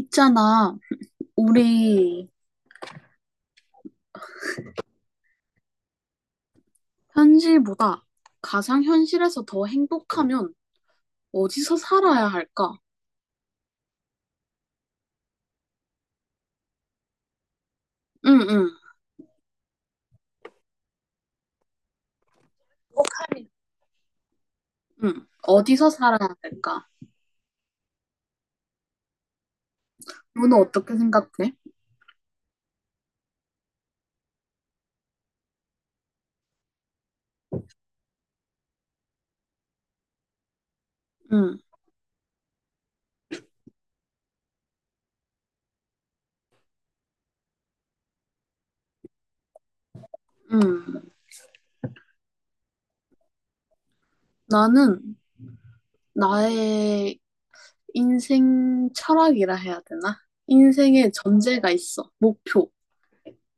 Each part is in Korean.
있잖아, 우리 현실보다 가상현실에서 더 행복하면 어디서 살아야 할까? 응, 응, 행복하면. 응. 어디서 살아야 할까? 너는 어떻게 생각해? 응, 응. 나는 나의 인생 철학이라 해야 되나? 인생의 전제가 있어. 목표.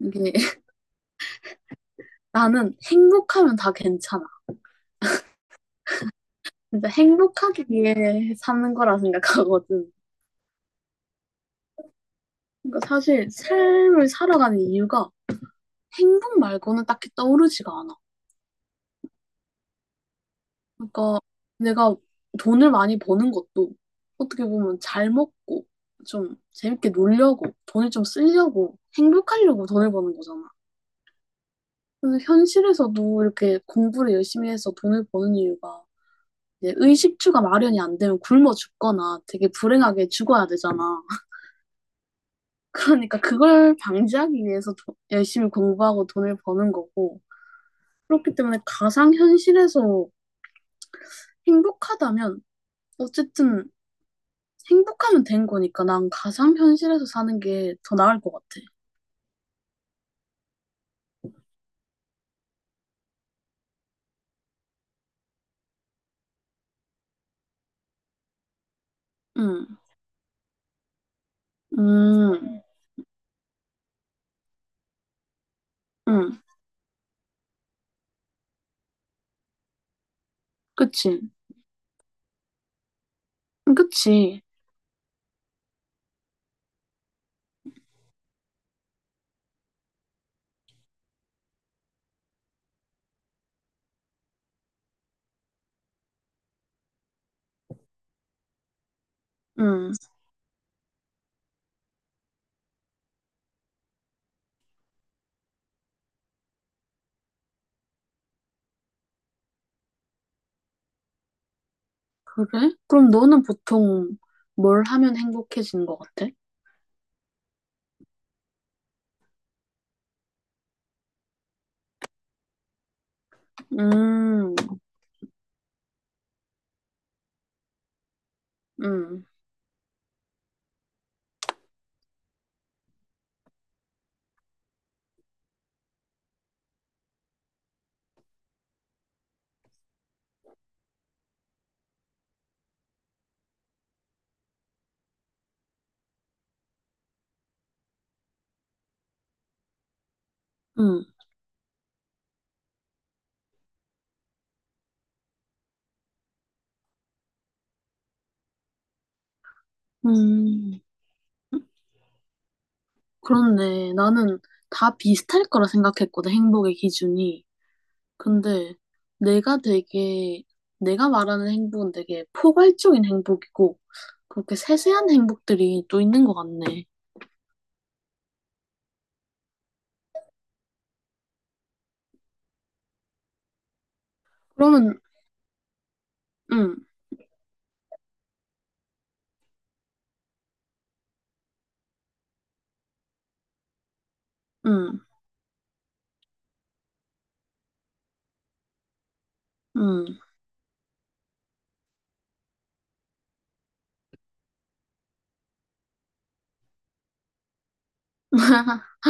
이게 나는 행복하면 다 괜찮아. 진짜 행복하기 위해 사는 거라 생각하거든. 그러니까 사실 삶을 살아가는 이유가 행복 말고는 딱히 떠오르지가 않아. 그러니까 내가 돈을 많이 버는 것도 어떻게 보면 잘 먹고 좀 재밌게 놀려고 돈을 좀 쓰려고 행복하려고 돈을 버는 거잖아. 그래서 현실에서도 이렇게 공부를 열심히 해서 돈을 버는 이유가 이제 의식주가 마련이 안 되면 굶어 죽거나 되게 불행하게 죽어야 되잖아. 그러니까 그걸 방지하기 위해서 열심히 공부하고 돈을 버는 거고, 그렇기 때문에 가상현실에서 행복하다면 어쨌든 행복하면 된 거니까 난 가상 현실에서 사는 게 더 나을 것 같아. 응, 음, 응, 그치, 그치, 응, 그래? 그럼 너는 보통 뭘 하면 행복해지는 것 같아? 음, 음, 음, 음, 그렇네. 나는 다 비슷할 거라 생각했거든, 행복의 기준이. 근데 내가 되게, 내가 말하는 행복은 되게 포괄적인 행복이고, 그렇게 세세한 행복들이 또 있는 것 같네. 그러면, 응, 응, 응,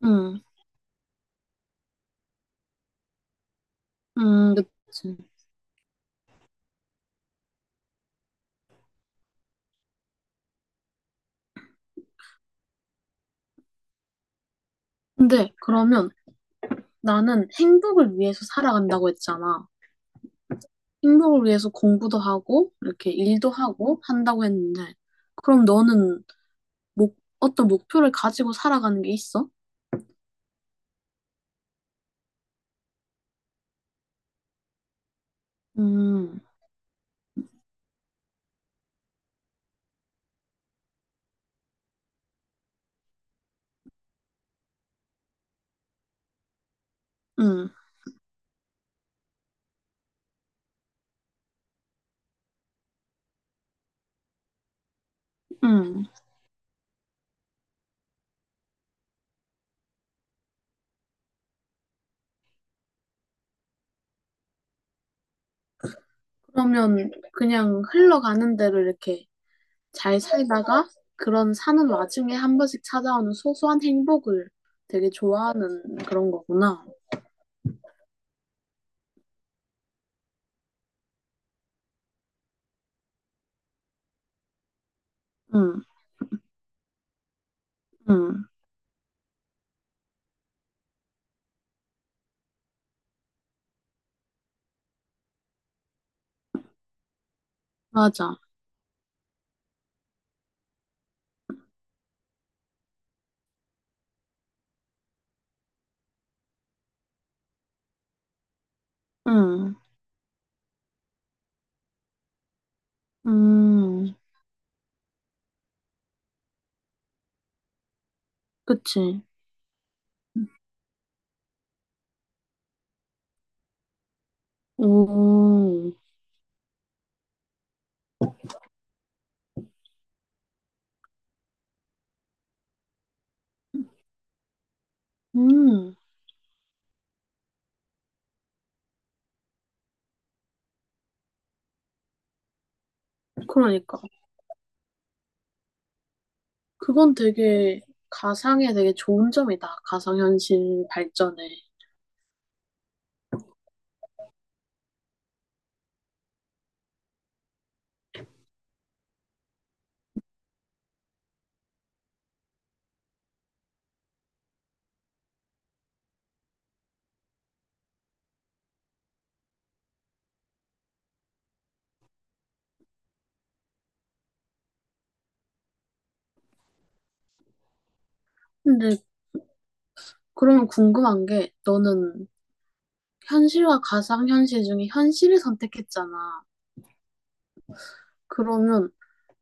응, 응, 그치. 근데 그러면 나는 행복을 위해서 살아간다고 했잖아. 행복을 위해서 공부도 하고, 이렇게 일도 하고 한다고 했는데, 그럼 너는 어떤 목표를 가지고 살아가는 게 있어? 음, 음, 음. 그러면 그냥 흘러가는 대로 이렇게 잘 살다가, 그런 사는 와중에 한 번씩 찾아오는 소소한 행복을 되게 좋아하는 그런 거구나. 응, 응, 맞아. 응, 음, 그치. 오, 음, 그러니까. 그건 되게 가상에 되게 좋은 점이다. 가상현실 발전에. 근데 그러면 궁금한 게 너는 현실과 가상현실 중에 현실을 선택했잖아. 그러면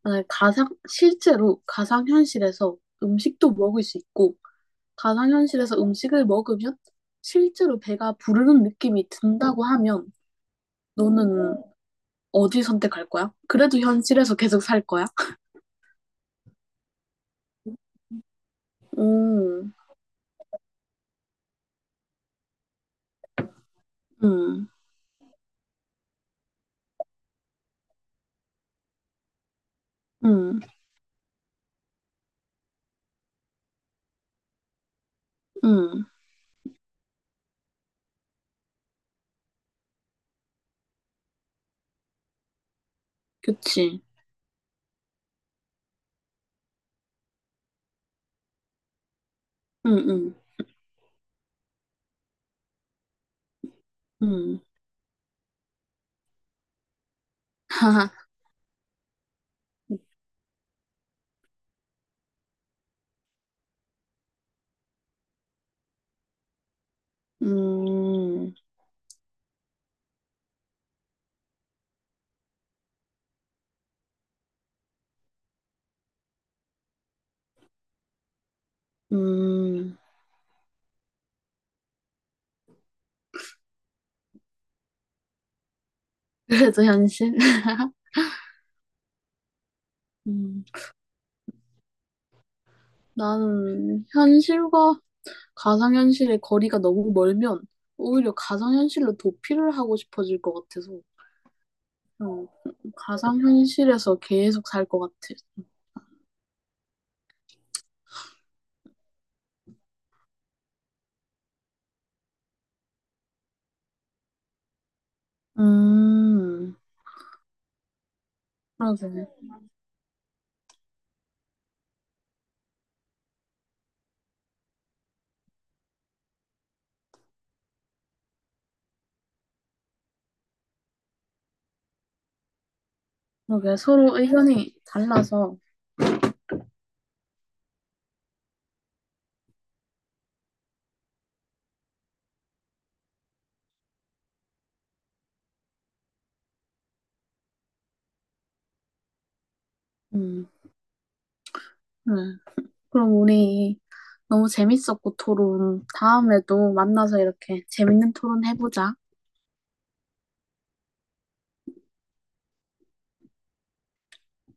아, 실제로 가상현실에서 음식도 먹을 수 있고, 가상현실에서 음식을 먹으면 실제로 배가 부르는 느낌이 든다고 하면 너는 어디 선택할 거야? 그래도 현실에서 계속 살 거야? 음, 음, 음, 음, 그치. 음, 음, 음. 하하, 음, 음. 그래도 현실? 음, 나는 현실과 가상현실의 거리가 너무 멀면 오히려 가상현실로 도피를 하고 싶어질 것 같아서, 어, 가상현실에서 계속 살 것 같아. 음, 그러게. 그러게. 서로 의견이 달라서. 음, 네. 그럼 우리 너무 재밌었고 토론 다음에도 만나서 이렇게 재밌는 토론 해보자.